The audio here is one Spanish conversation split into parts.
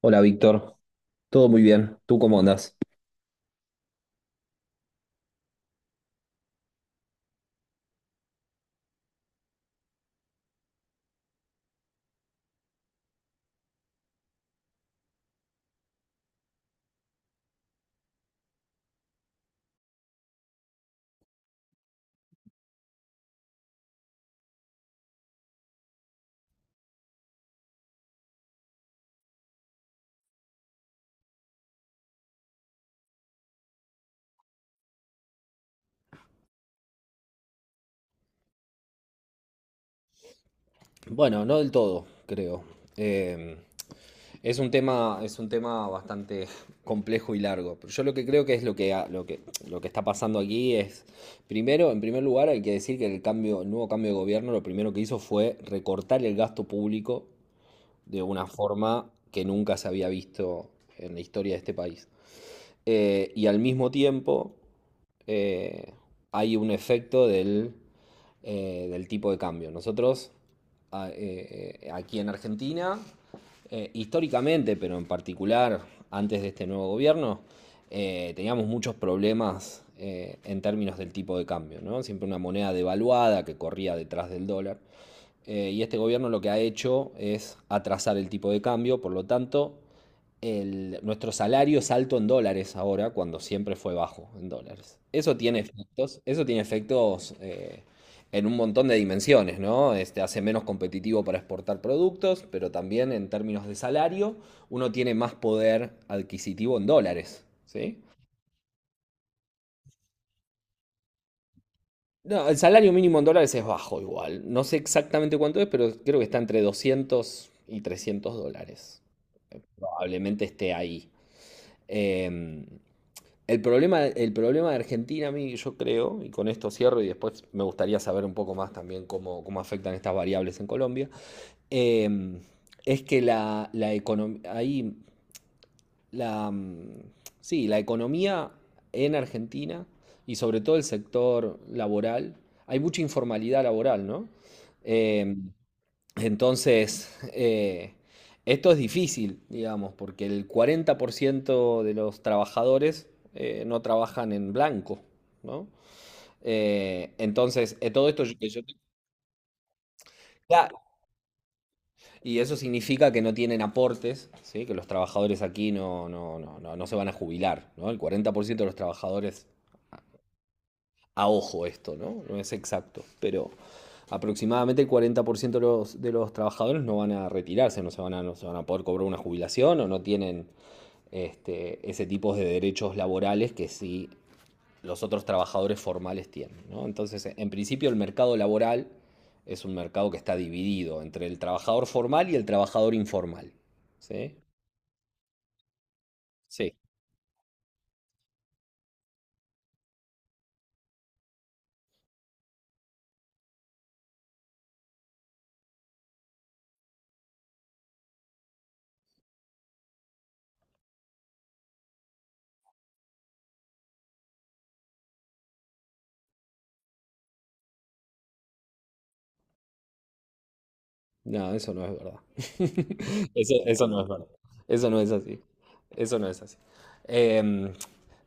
Hola Víctor, todo muy bien, ¿tú cómo andás? Bueno, no del todo, creo. Em, es un tema, es un tema bastante complejo y largo. Pero yo lo que creo que es lo que, lo que, lo que está pasando aquí es, primero, en primer lugar, hay que decir que el cambio, el nuevo cambio de gobierno lo primero que hizo fue recortar el gasto público de una forma que nunca se había visto en la historia de este país. Y al mismo tiempo eh, hay un efecto del tipo de cambio. Nosotros aquí en Argentina, históricamente, pero en particular antes de este nuevo gobierno, teníamos muchos problemas en términos del tipo de cambio, ¿no? Siempre una moneda devaluada que corría detrás del dólar. Y este gobierno lo que ha hecho es atrasar el tipo de cambio, por lo tanto, nuestro salario es alto en dólares ahora, cuando siempre fue bajo en dólares. Eso tiene efectos en un montón de dimensiones, ¿no? Este, hace menos competitivo para exportar productos, pero también en términos de salario, uno tiene más poder adquisitivo en dólares, ¿sí? No, el salario mínimo en dólares es bajo igual. No sé exactamente cuánto es, pero creo que está entre $200 y $300. Probablemente esté ahí. Em, El problema, el problema de Argentina, a mí yo creo, y con esto cierro y después me gustaría saber un poco más también cómo, cómo afectan estas variables en Colombia, eh, es que la economía, ahí, la, mm, sí, la economía en Argentina y sobre todo el sector laboral, hay mucha informalidad laboral, ¿no? Eh, entonces, eh, esto es difícil, digamos, porque el 40% de los trabajadores no trabajan en blanco, ¿no? Todo esto que yo... Claro, y eso significa que no tienen aportes, ¿sí? Que los trabajadores aquí no se van a jubilar, ¿no? El 40% de los trabajadores a ojo esto, ¿no? No es exacto, pero aproximadamente el 40% de de los trabajadores no van a retirarse, no se no se van a poder cobrar una jubilación o no tienen este, ese tipo de derechos laborales que sí los otros trabajadores formales tienen. ¿No? Entonces, en principio el mercado laboral es un mercado que está dividido entre el trabajador formal y el trabajador informal. ¿Sí? Sí. No, eso no es verdad. Eso no es verdad. Eso no es así. Eso no es así. Em,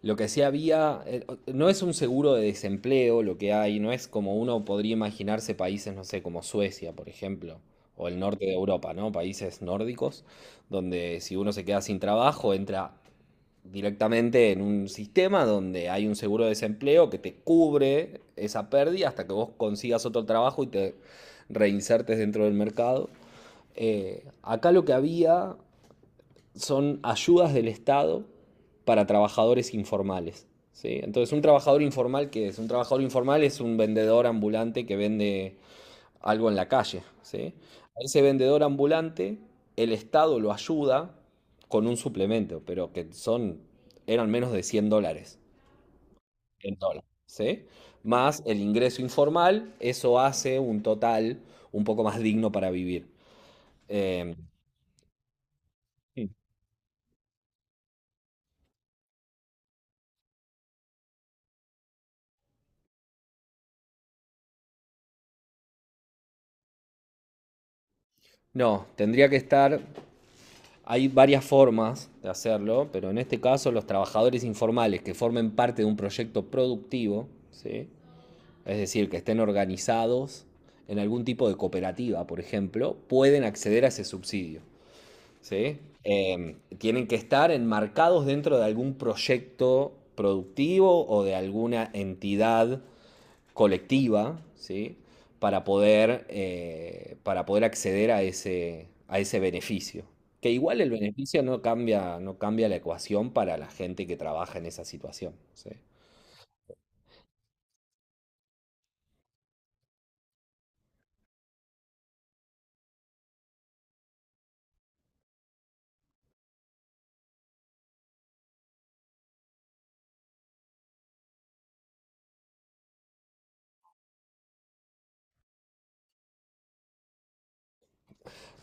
lo que sí había, no es un seguro de desempleo lo que hay, no es como uno podría imaginarse países, no sé, como Suecia, por ejemplo, o el norte de Europa, ¿no? Países nórdicos, donde si uno se queda sin trabajo, entra directamente en un sistema donde hay un seguro de desempleo que te cubre esa pérdida hasta que vos consigas otro trabajo y te reinsertes dentro del mercado. Acá lo que había son ayudas del Estado para trabajadores informales. ¿Sí? Entonces, un trabajador informal, ¿qué es? Un trabajador informal es un vendedor ambulante que vende algo en la calle. ¿Sí? A ese vendedor ambulante, el Estado lo ayuda con un suplemento, pero que son, eran menos de $100 en dólar. ¿Sí? Más el ingreso informal, eso hace un total un poco más digno para vivir. Eh, Sí. No, tendría que estar. Hay varias formas de hacerlo, pero en este caso los trabajadores informales que formen parte de un proyecto productivo, ¿sí? Es decir, que estén organizados en algún tipo de cooperativa, por ejemplo, pueden acceder a ese subsidio. ¿Sí? Tienen que estar enmarcados dentro de algún proyecto productivo o de alguna entidad colectiva, ¿sí? Para poder acceder a ese beneficio. Que igual el beneficio no cambia, no cambia la ecuación para la gente que trabaja en esa situación, ¿sí?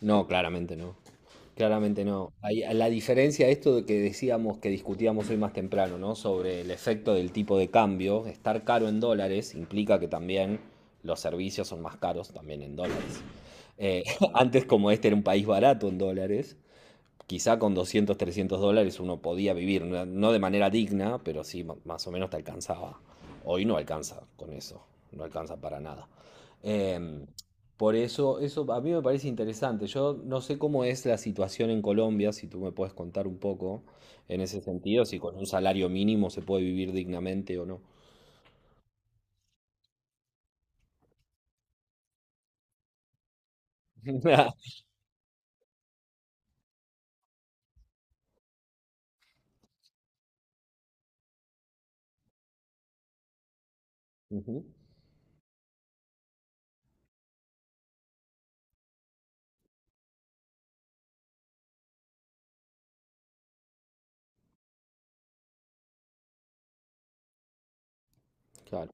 No, claramente no. Claramente no. La diferencia de esto de que decíamos que discutíamos hoy más temprano, ¿no? Sobre el efecto del tipo de cambio, estar caro en dólares implica que también los servicios son más caros también en dólares. Eh, Antes, como este era un país barato en dólares, quizá con $200 $300 uno podía vivir, no de manera digna, pero sí más o menos te alcanzaba. Hoy no alcanza con eso, no alcanza para nada. Em, por eso, eso a mí me parece interesante. Yo no sé cómo es la situación en Colombia, si tú me puedes contar un poco en ese sentido, si con un salario mínimo se puede vivir dignamente o no. Ujú, claro.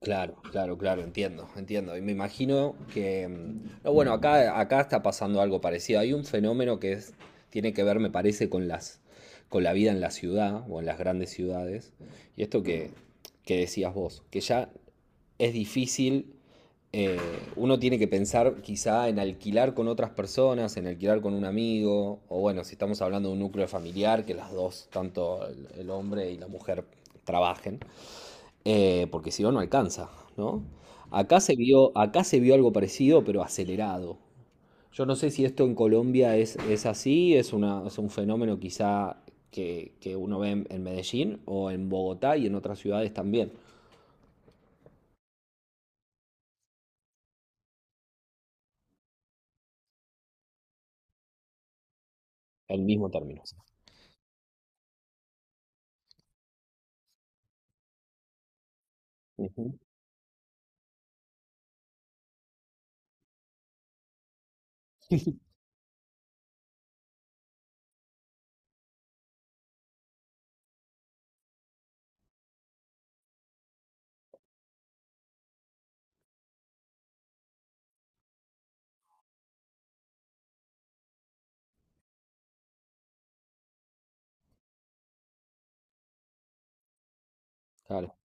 Claro, claro, claro, entiendo, entiendo. Y me imagino que, mm, no, bueno, acá, acá está pasando algo parecido. Hay un fenómeno que es, tiene que ver, me parece, con con la vida en la ciudad o en las grandes ciudades. Y esto que decías vos, que ya es difícil, eh, uno tiene que pensar quizá en alquilar con otras personas, en alquilar con un amigo, o bueno, si estamos hablando de un núcleo familiar, que las dos, tanto el hombre y la mujer, trabajen. Porque si no, no alcanza, ¿no? Acá se vio algo parecido, pero acelerado. Yo no sé si esto en Colombia es así, es una, es un fenómeno quizá que uno ve en Medellín o en Bogotá y en otras ciudades también. El mismo término. Ujú. Claro.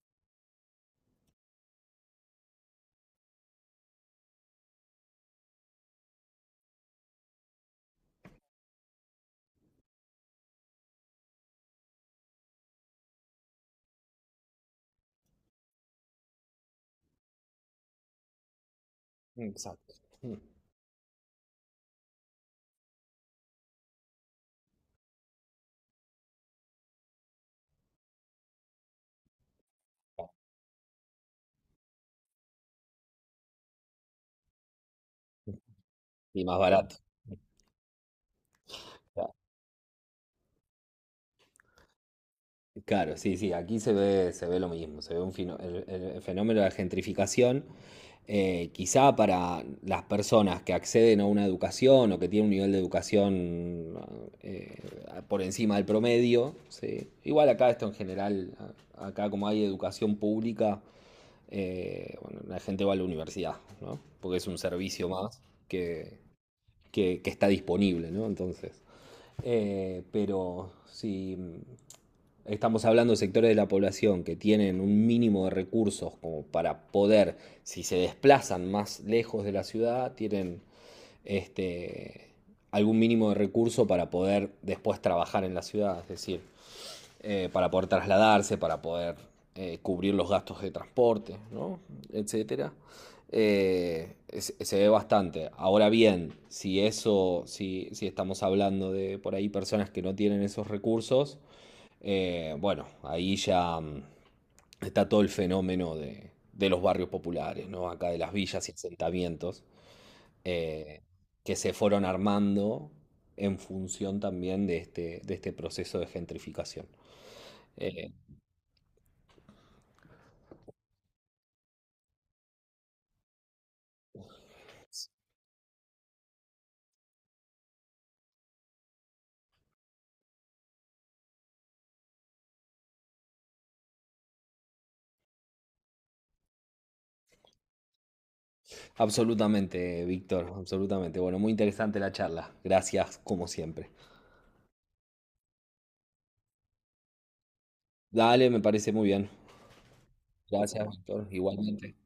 Exacto. Mm. Y más barato. Claro, sí, sí, aquí se ve lo mismo, se ve un el fenómeno de la gentrificación, quizá para las personas que acceden a una educación o que tienen un nivel de educación eh, por encima del promedio, sí. Igual acá esto en general, acá como hay educación pública, bueno, la gente va a la universidad, ¿no? Porque es un servicio más que, que está disponible, ¿no? Entonces, pero sí, estamos hablando de sectores de la población que tienen un mínimo de recursos como para poder, si se desplazan más lejos de la ciudad, tienen este, algún mínimo de recurso para poder después trabajar en la ciudad, es decir, para poder trasladarse, para poder cubrir los gastos de transporte, ¿no? Etcétera. Se ve bastante. Ahora bien, si eso, si, si estamos hablando de por ahí personas que no tienen esos recursos, bueno, ahí ya mm, está todo el fenómeno de los barrios populares, ¿no? Acá de las villas y asentamientos, eh, que se fueron armando en función también de este proceso de gentrificación. Eh, Absolutamente, Víctor, absolutamente. Bueno, muy interesante la charla. Gracias, como siempre. Dale, me parece muy bien. Gracias, Víctor. Igualmente.